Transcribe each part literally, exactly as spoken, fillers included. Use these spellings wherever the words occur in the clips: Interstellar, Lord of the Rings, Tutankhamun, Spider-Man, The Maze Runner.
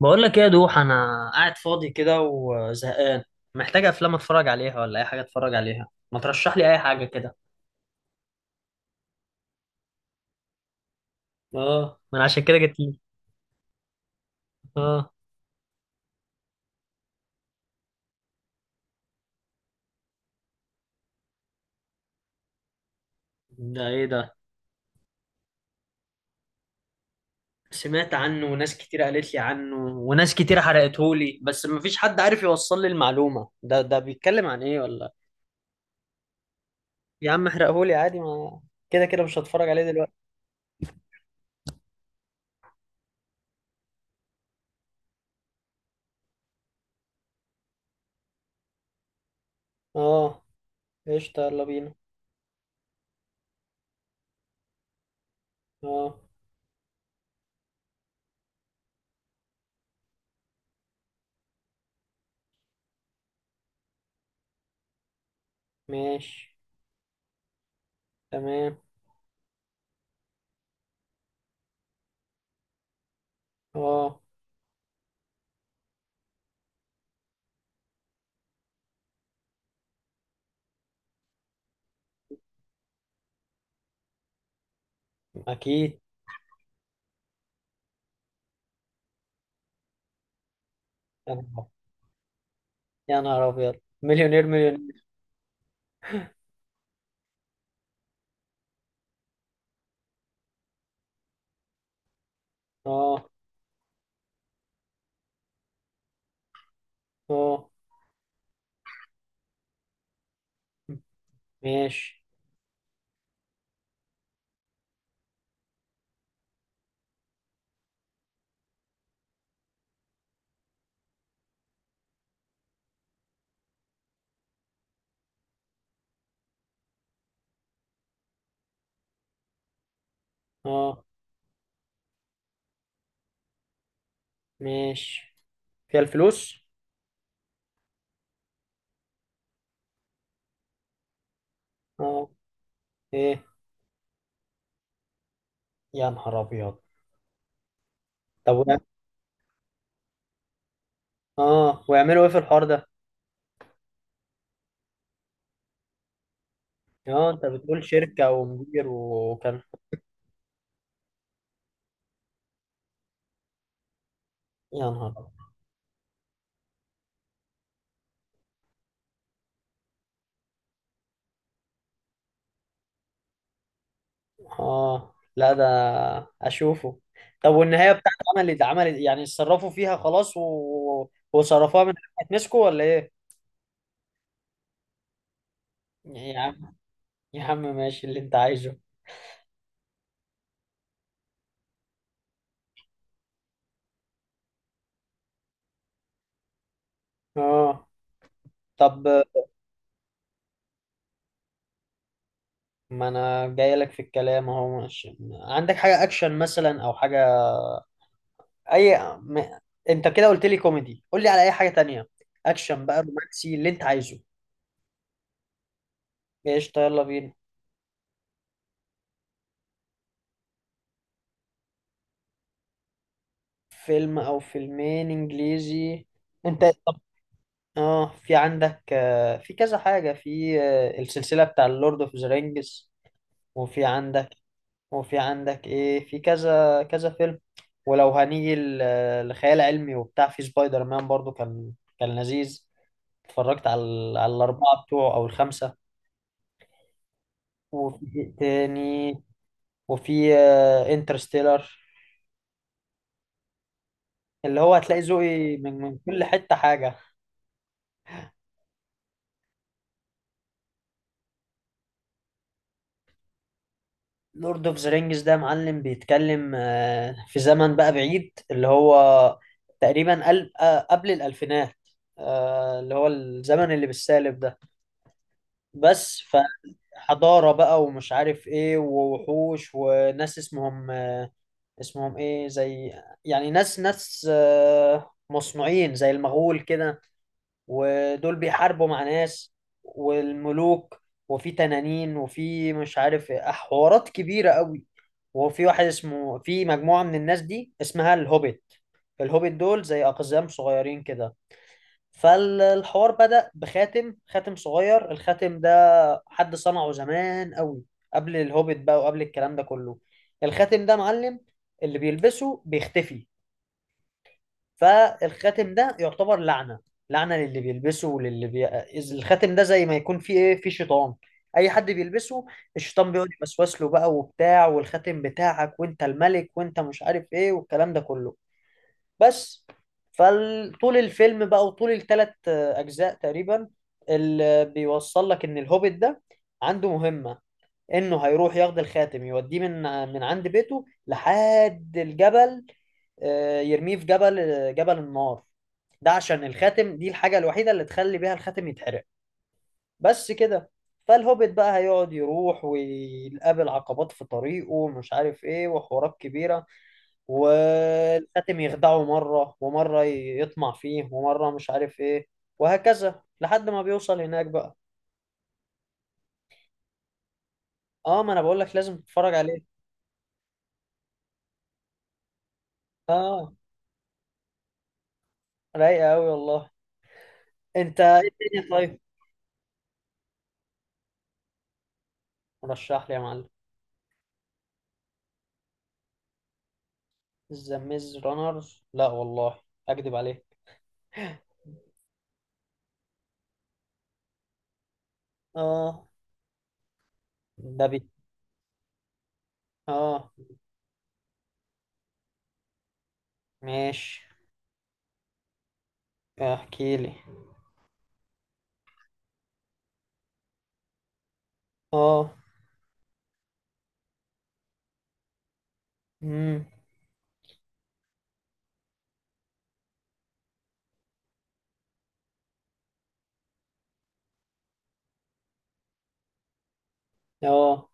بقول لك ايه يا دوح، انا قاعد فاضي كده وزهقان. محتاج افلام اتفرج عليها ولا اي حاجه اتفرج عليها، ما ترشح لي اي حاجه كده. اه، ما انا عشان كده جيت لي. اه. ده ايه ده؟ سمعت عنه، وناس كتير قالت لي عنه، وناس كتير حرقتهولي، بس ما فيش حد عارف يوصل لي المعلومه. ده ده بيتكلم عن ايه ولا؟ يا عم احرقهولي عادي، ما كده كده مش هتفرج عليه دلوقتي. اه. قشطة، يلا بينا. اه، ماشي، تمام. اه، اكيد. يا نهار، يا نهار ابيض! مليونير، مليونير! اه. اه، ماشي. اه، ماشي، فيها الفلوس. اه، ايه؟ يا نهار ابيض! طب، ويع- اه، ويعملوا ايه في الحوار ده؟ اه، انت بتقول شركة ومدير وكان. يا نهار أبيض. اه، لا، ده اشوفه. طب، والنهاية بتاعت عمل عمل، يعني اتصرفوا فيها خلاص و... وصرفوها من؟ هتمسكوا ولا ايه؟ يا عم. يا عم، ماشي اللي انت عايزه. اه، طب، ما انا جاي لك في الكلام اهو. ماشي، عندك حاجة اكشن مثلا او حاجة؟ اي م... انت كده قلت لي كوميدي، قول لي على اي حاجه تانية. اكشن بقى، رومانسي، اللي انت عايزه. قشطه، يلا بينا. فيلم او فيلمين انجليزي؟ انت، طب. اه، في عندك، آه، في كذا حاجه، في آه، السلسله بتاع اللورد اوف ذا رينجز. وفي عندك. وفي عندك ايه، في كذا كذا فيلم. ولو هنيجي ل- لخيال علمي وبتاع، في سبايدر مان برضو كان، كان لذيذ. اتفرجت على ال- على الاربعه بتوعه او الخمسه. وفي إيه تاني؟ وفي انترستيلر. اللي هو هتلاقي ذوقي من من كل حتة حاجة. لورد اوف ذا رينجز ده معلم، بيتكلم آه، في زمن بقى بعيد، اللي هو تقريبا قل- آه، قبل الألفينات. آه، اللي هو الزمن اللي بالسالب ده. بس. فحضارة بقى، ومش عارف ايه، ووحوش، وناس اسمهم آه، اسمهم ايه، زي، يعني ناس ناس آه، مصنوعين زي المغول كده. ودول بيحاربوا مع ناس والملوك، وفي تنانين، وفي مش عارف إيه، حوارات كبيرة قوي. وفي واحد اسمه، في مجموعة من الناس دي اسمها الهوبيت. الهوبيت دول زي أقزام صغيرين كده. فالحوار بدأ بخاتم خاتم صغير. الخاتم ده حد صنعه زمان قوي، قبل الهوبيت بقى وقبل الكلام ده كله. الخاتم ده معلم، اللي بيلبسه بيختفي. فالخاتم ده يعتبر لعنة، لعنة للي بيلبسه وللي بي... إذ- الخاتم ده زي ما يكون فيه ايه، فيه شيطان. اي حد بيلبسه، الشيطان بيقعد يوسوس له بقى وبتاع، والخاتم بتاعك وانت الملك وانت مش عارف ايه، والكلام ده كله. بس. فطول الفيلم بقى وطول الثلاث اجزاء تقريبا، اللي بيوصل لك ان الهوبيت ده عنده مهمة، انه هيروح ياخد الخاتم يوديه من من عند بيته لحد الجبل. آه، يرميه في جبل، آه، جبل النار. ده عشان الخاتم دي الحاجة الوحيدة اللي تخلي بيها الخاتم يتحرق. بس كده. فالهوبيت بقى هيقعد يروح ويقابل عقبات في طريقه، ومش عارف ايه، وحوارات كبيرة. والخاتم يخدعه مرة ومرة ي- يطمع فيه، ومرة مش عارف ايه. وهكذا لحد ما بيوصل هناك بقى. اه، ما انا بقول لك لازم تتفرج عليه. اه. رايقة قوي والله. انت ايه؟ الدنيا طيب. رشح لي يا معلم. ذا ميز رانر؟ لا والله، اكدب عليك. اه. ده بي. اه، ماشي، احكي لي. اه. امم. اه،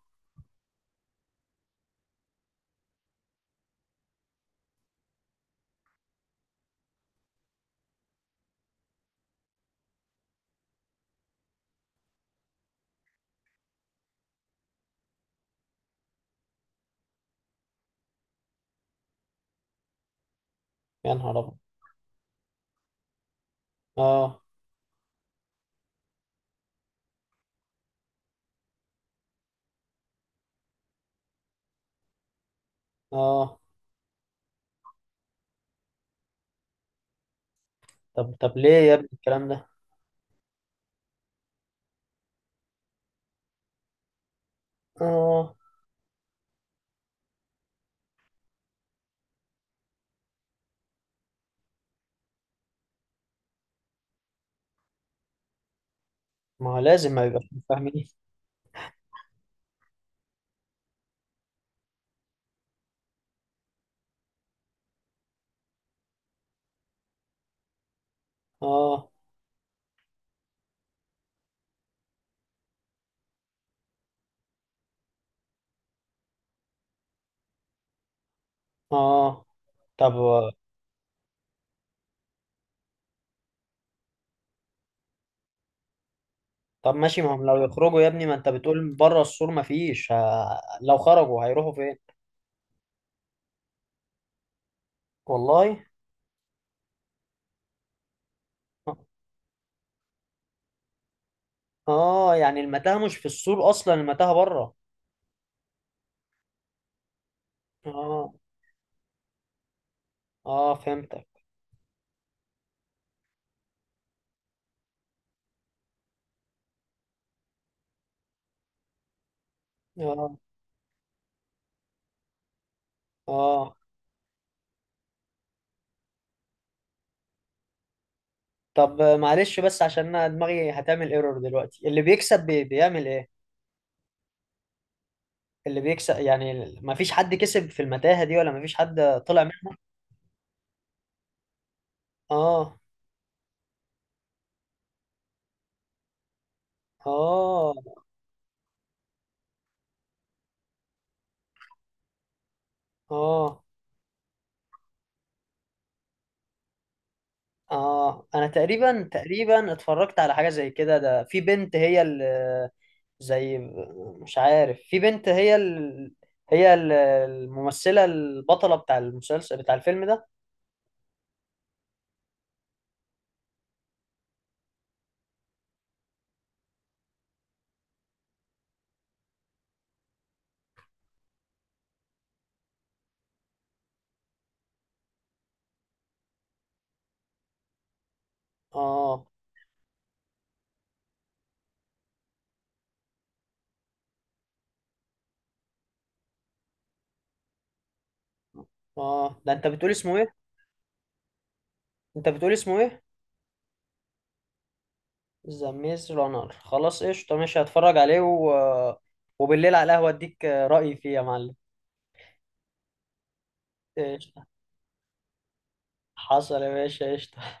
يا نهار ابيض. اه. اه، طب طب، ليه يا ابني الكلام ده؟ اه. ما هو لازم ما يبقى فاهمين. اه. اه، طب طب، ماشي، ما هم لو يخرجوا يا ابني، ما انت بتقول بره السور ما فيش، ه- لو خرجوا هيروحوا فين؟ والله. اه، يعني المتاهة مش في السور اصلا، المتاهة بره. اه، اه، فهمتك. اه. اه، طب، معلش، بس عشان انا دماغي هتعمل ايرور دلوقتي، اللي بيكسب بي بيعمل ايه؟ اللي بيكسب، يعني ما فيش حد كسب في المتاهة دي ولا ما فيش حد طلع منها؟ اه. اه. اه. اه، انا تقريبا تقريبا اتفرجت على حاجة زي كده، ده في بنت هي اللي، زي، مش عارف، في بنت هي ال... هي ال- الممثلة البطلة بتاع المسلسل، بتاع الفيلم ده. اه. اه، ده انت بتقول اسمه ايه؟ انت بتقول اسمه ايه؟ ذا ميز رانر، خلاص قشطة، ماشي، هتفرج عليه و... وبالليل على القهوة اديك رأيي فيه يا معلم. قشطة. حصل يا باشا، قشطة.